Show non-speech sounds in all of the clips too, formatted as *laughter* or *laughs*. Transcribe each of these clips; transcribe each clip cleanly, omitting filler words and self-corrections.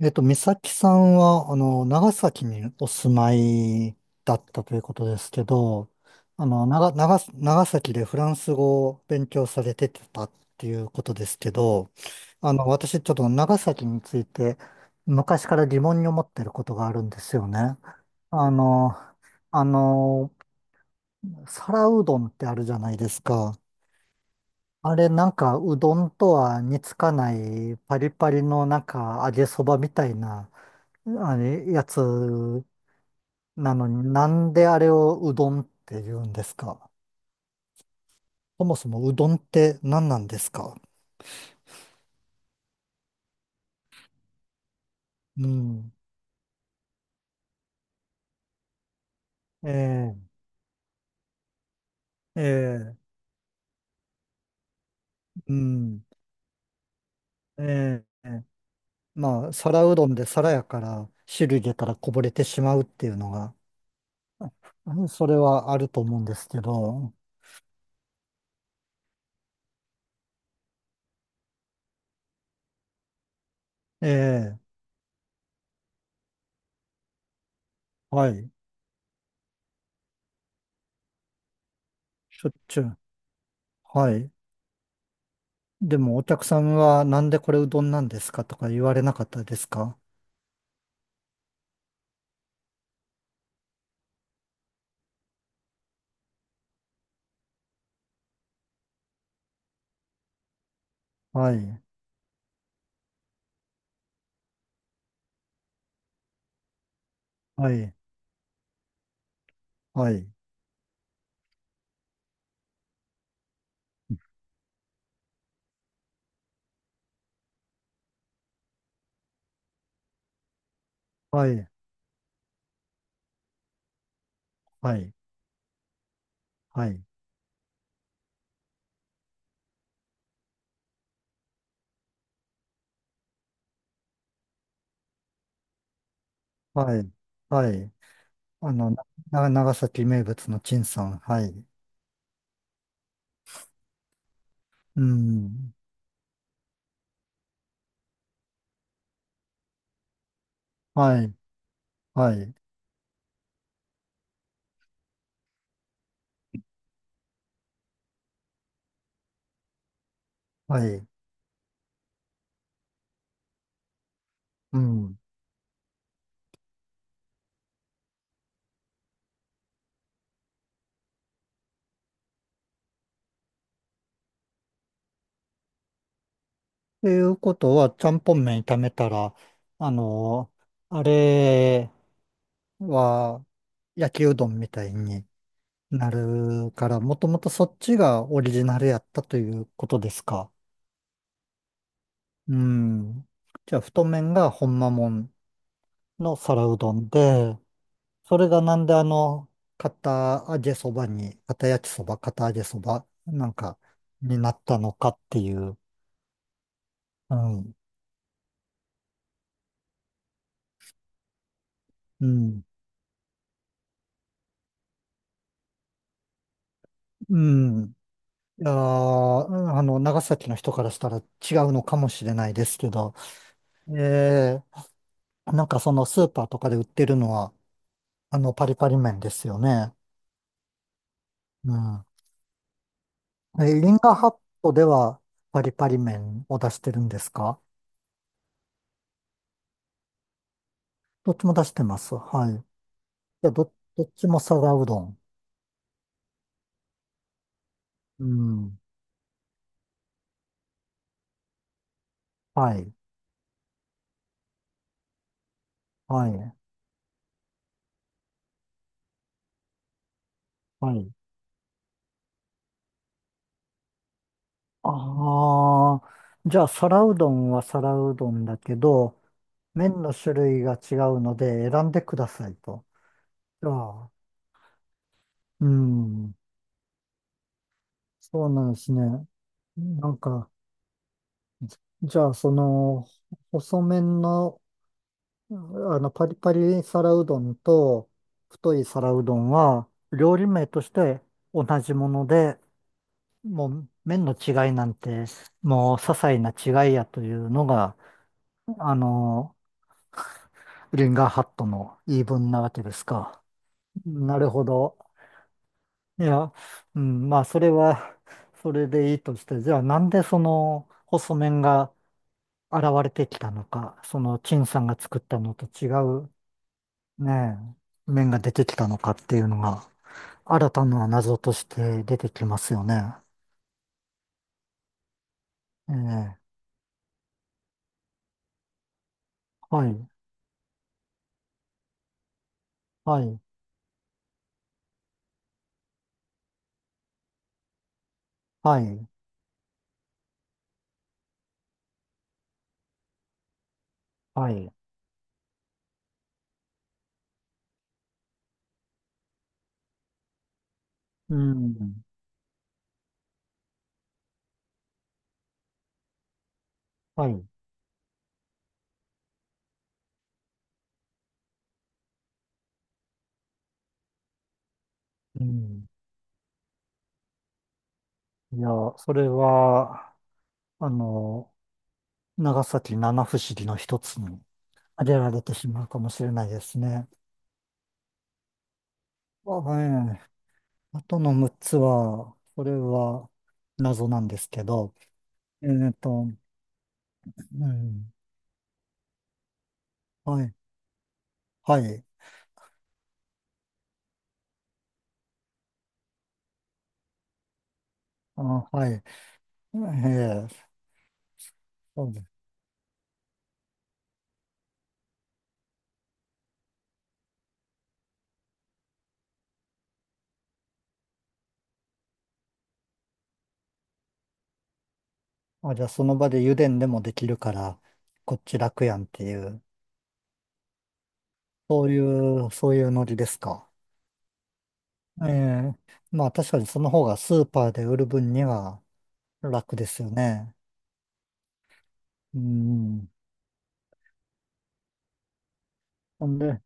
美咲さんは、長崎にお住まいだったということですけど、長崎でフランス語を勉強されてたっていうことですけど、私ちょっと長崎について昔から疑問に思ってることがあるんですよね。あの、あの、皿うどんってあるじゃないですか。あれなんかうどんとは似つかないパリパリのなんか揚げそばみたいなあの、やつなのになんであれをうどんって言うんですか？そもそもうどんって何なんですか？うん。ええええうん。ええまあ、皿うどんで皿やから汁入れたらこぼれてしまうっていうのが、うんそれはあると思うんですけど、ええはい。しょっちゅう。はい。でもお客さんはなんでこれうどんなんですかとか言われなかったですか？はい。はい。はい。はい。はい、はい、はい、はい。あの、な、長崎名物の陳さん、はい。うん、はい、はい、はい、うん。ということは、ちゃんぽん麺炒めたら、あの、あれは焼きうどんみたいになるから、もともとそっちがオリジナルやったということですか？うん。じゃあ、太麺がほんまもんの皿うどんで、それがなんで片揚げそばに、片焼きそば、片揚げそば、なんか、になったのかっていう、うん、うん、うん。いやー長崎の人からしたら違うのかもしれないですけど、えー、なんかそのスーパーとかで売ってるのは、パリパリ麺ですよね。うん。え、リンガーハットではパリパリ麺を出してるんですか？どっちも出してます。はい。いや、ど、どっちも皿うどん。うん。はい、はい、はい。ああ、じゃあ、皿うどんは皿うどんだけど、麺の種類が違うので選んでくださいと。じゃあ、うん、そうなんですね。なんか、じじゃあ、その、細麺の、あパリパリ皿うどんと、太い皿うどんは、料理名として同じもので、もう、麺の違いなんて、もう、些細な違いやというのが、あの、リンガーハットの言い分なわけですか？なるほど。いや、うん、まあ、それは、それでいいとして、じゃあなんでその細麺が現れてきたのか、その陳さんが作ったのと違うねえ、麺が出てきたのかっていうのが、新たな謎として出てきますよね。ええ、はい、はい、はい、はい、うん、はい、うん。いや、それは、あの、長崎七不思議の一つに挙げられてしまうかもしれないですね。まあね、あとの6つは、これは謎なんですけど、えっと、うん、はい、はい、あ、はい、ええそうです。あ、じゃあその場で油田でもできるから、こっち楽やんっていう、そういう、そういうノリですか？ええまあ確かにその方がスーパーで売る分には楽ですよね。うん。ほんで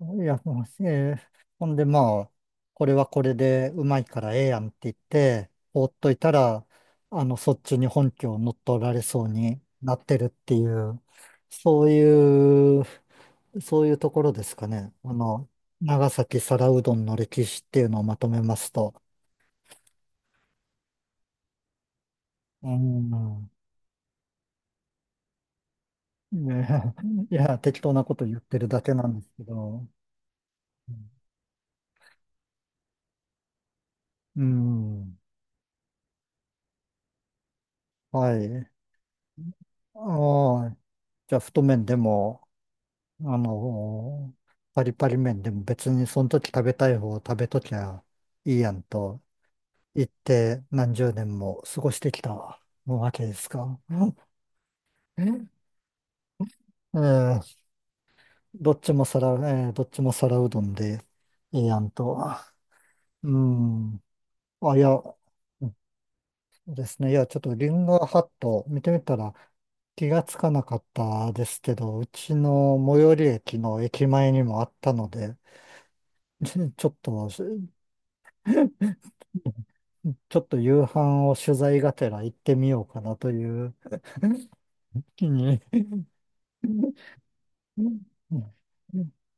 いや、もうえーほんで、まあ、これはこれでうまいからええやんって言って、放っといたら、そっちに本拠を乗っ取られそうになってるっていう、そういう、そういうところですかね。長崎皿うどんの歴史っていうのをまとめますと。うん。ね、*laughs* いや、適当なこと言ってるだけなんですけど。うん。はい。ああ、じゃあ、太麺でも、あの、パリパリ麺でも別にその時食べたい方を食べときゃいいやんと言って何十年も過ごしてきたわけですか？え *laughs* えーどっちも皿、えーどっちも皿うどんでいいやんと。うん。あ、いや、ですね。いや、ちょっとリンゴハット見てみたら気がつかなかったですけど、うちの最寄り駅の駅前にもあったので、*laughs* ちょっとちょっと夕飯を取材がてら行ってみようかなという気に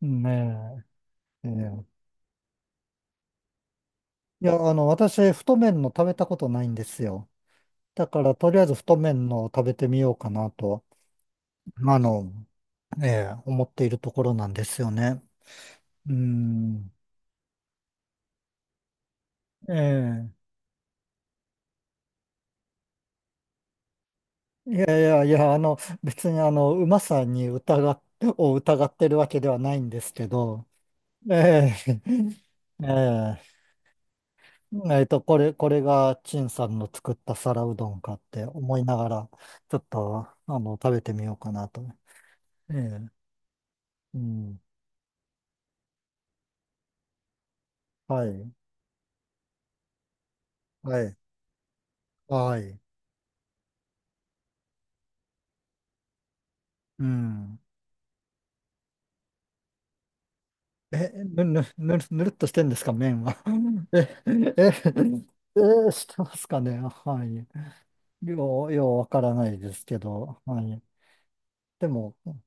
うんねえ。ええいや、私、太麺の食べたことないんですよ。だから、とりあえず太麺のを食べてみようかなと、あの、ええ、思っているところなんですよね。うん。ええ。いやいやいや、別にうまさに疑っ、を疑ってるわけではないんですけど、ええ。ええ。これ、これが陳さんの作った皿うどんかって思いながら、ちょっと、食べてみようかなと。ええ、うん。はい。はい。はい。うん。え、ぬるっとしてんですか、麺は。*laughs* え、え、え、してますかね。はい。ようわからないですけど、はい。でも、うん。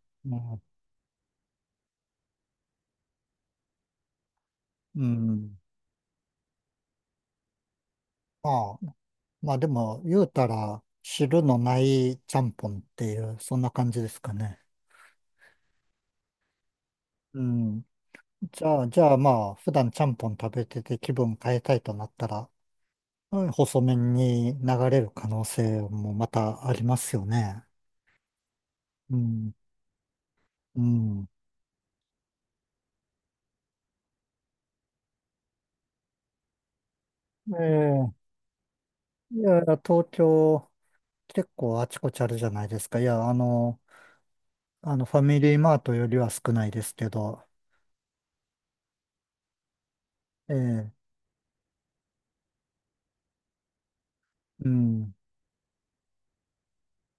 うんまあ、まあでも、言うたら、汁のないちゃんぽんっていう、そんな感じですかね。うん。じゃあ、じゃあまあ、普段ちゃんぽん食べてて気分変えたいとなったら、うん細麺に流れる可能性もまたありますよね。うん。うん。ええいや、東京、結構あちこちあるじゃないですか。いや、ファミリーマートよりは少ないですけど、ええうん。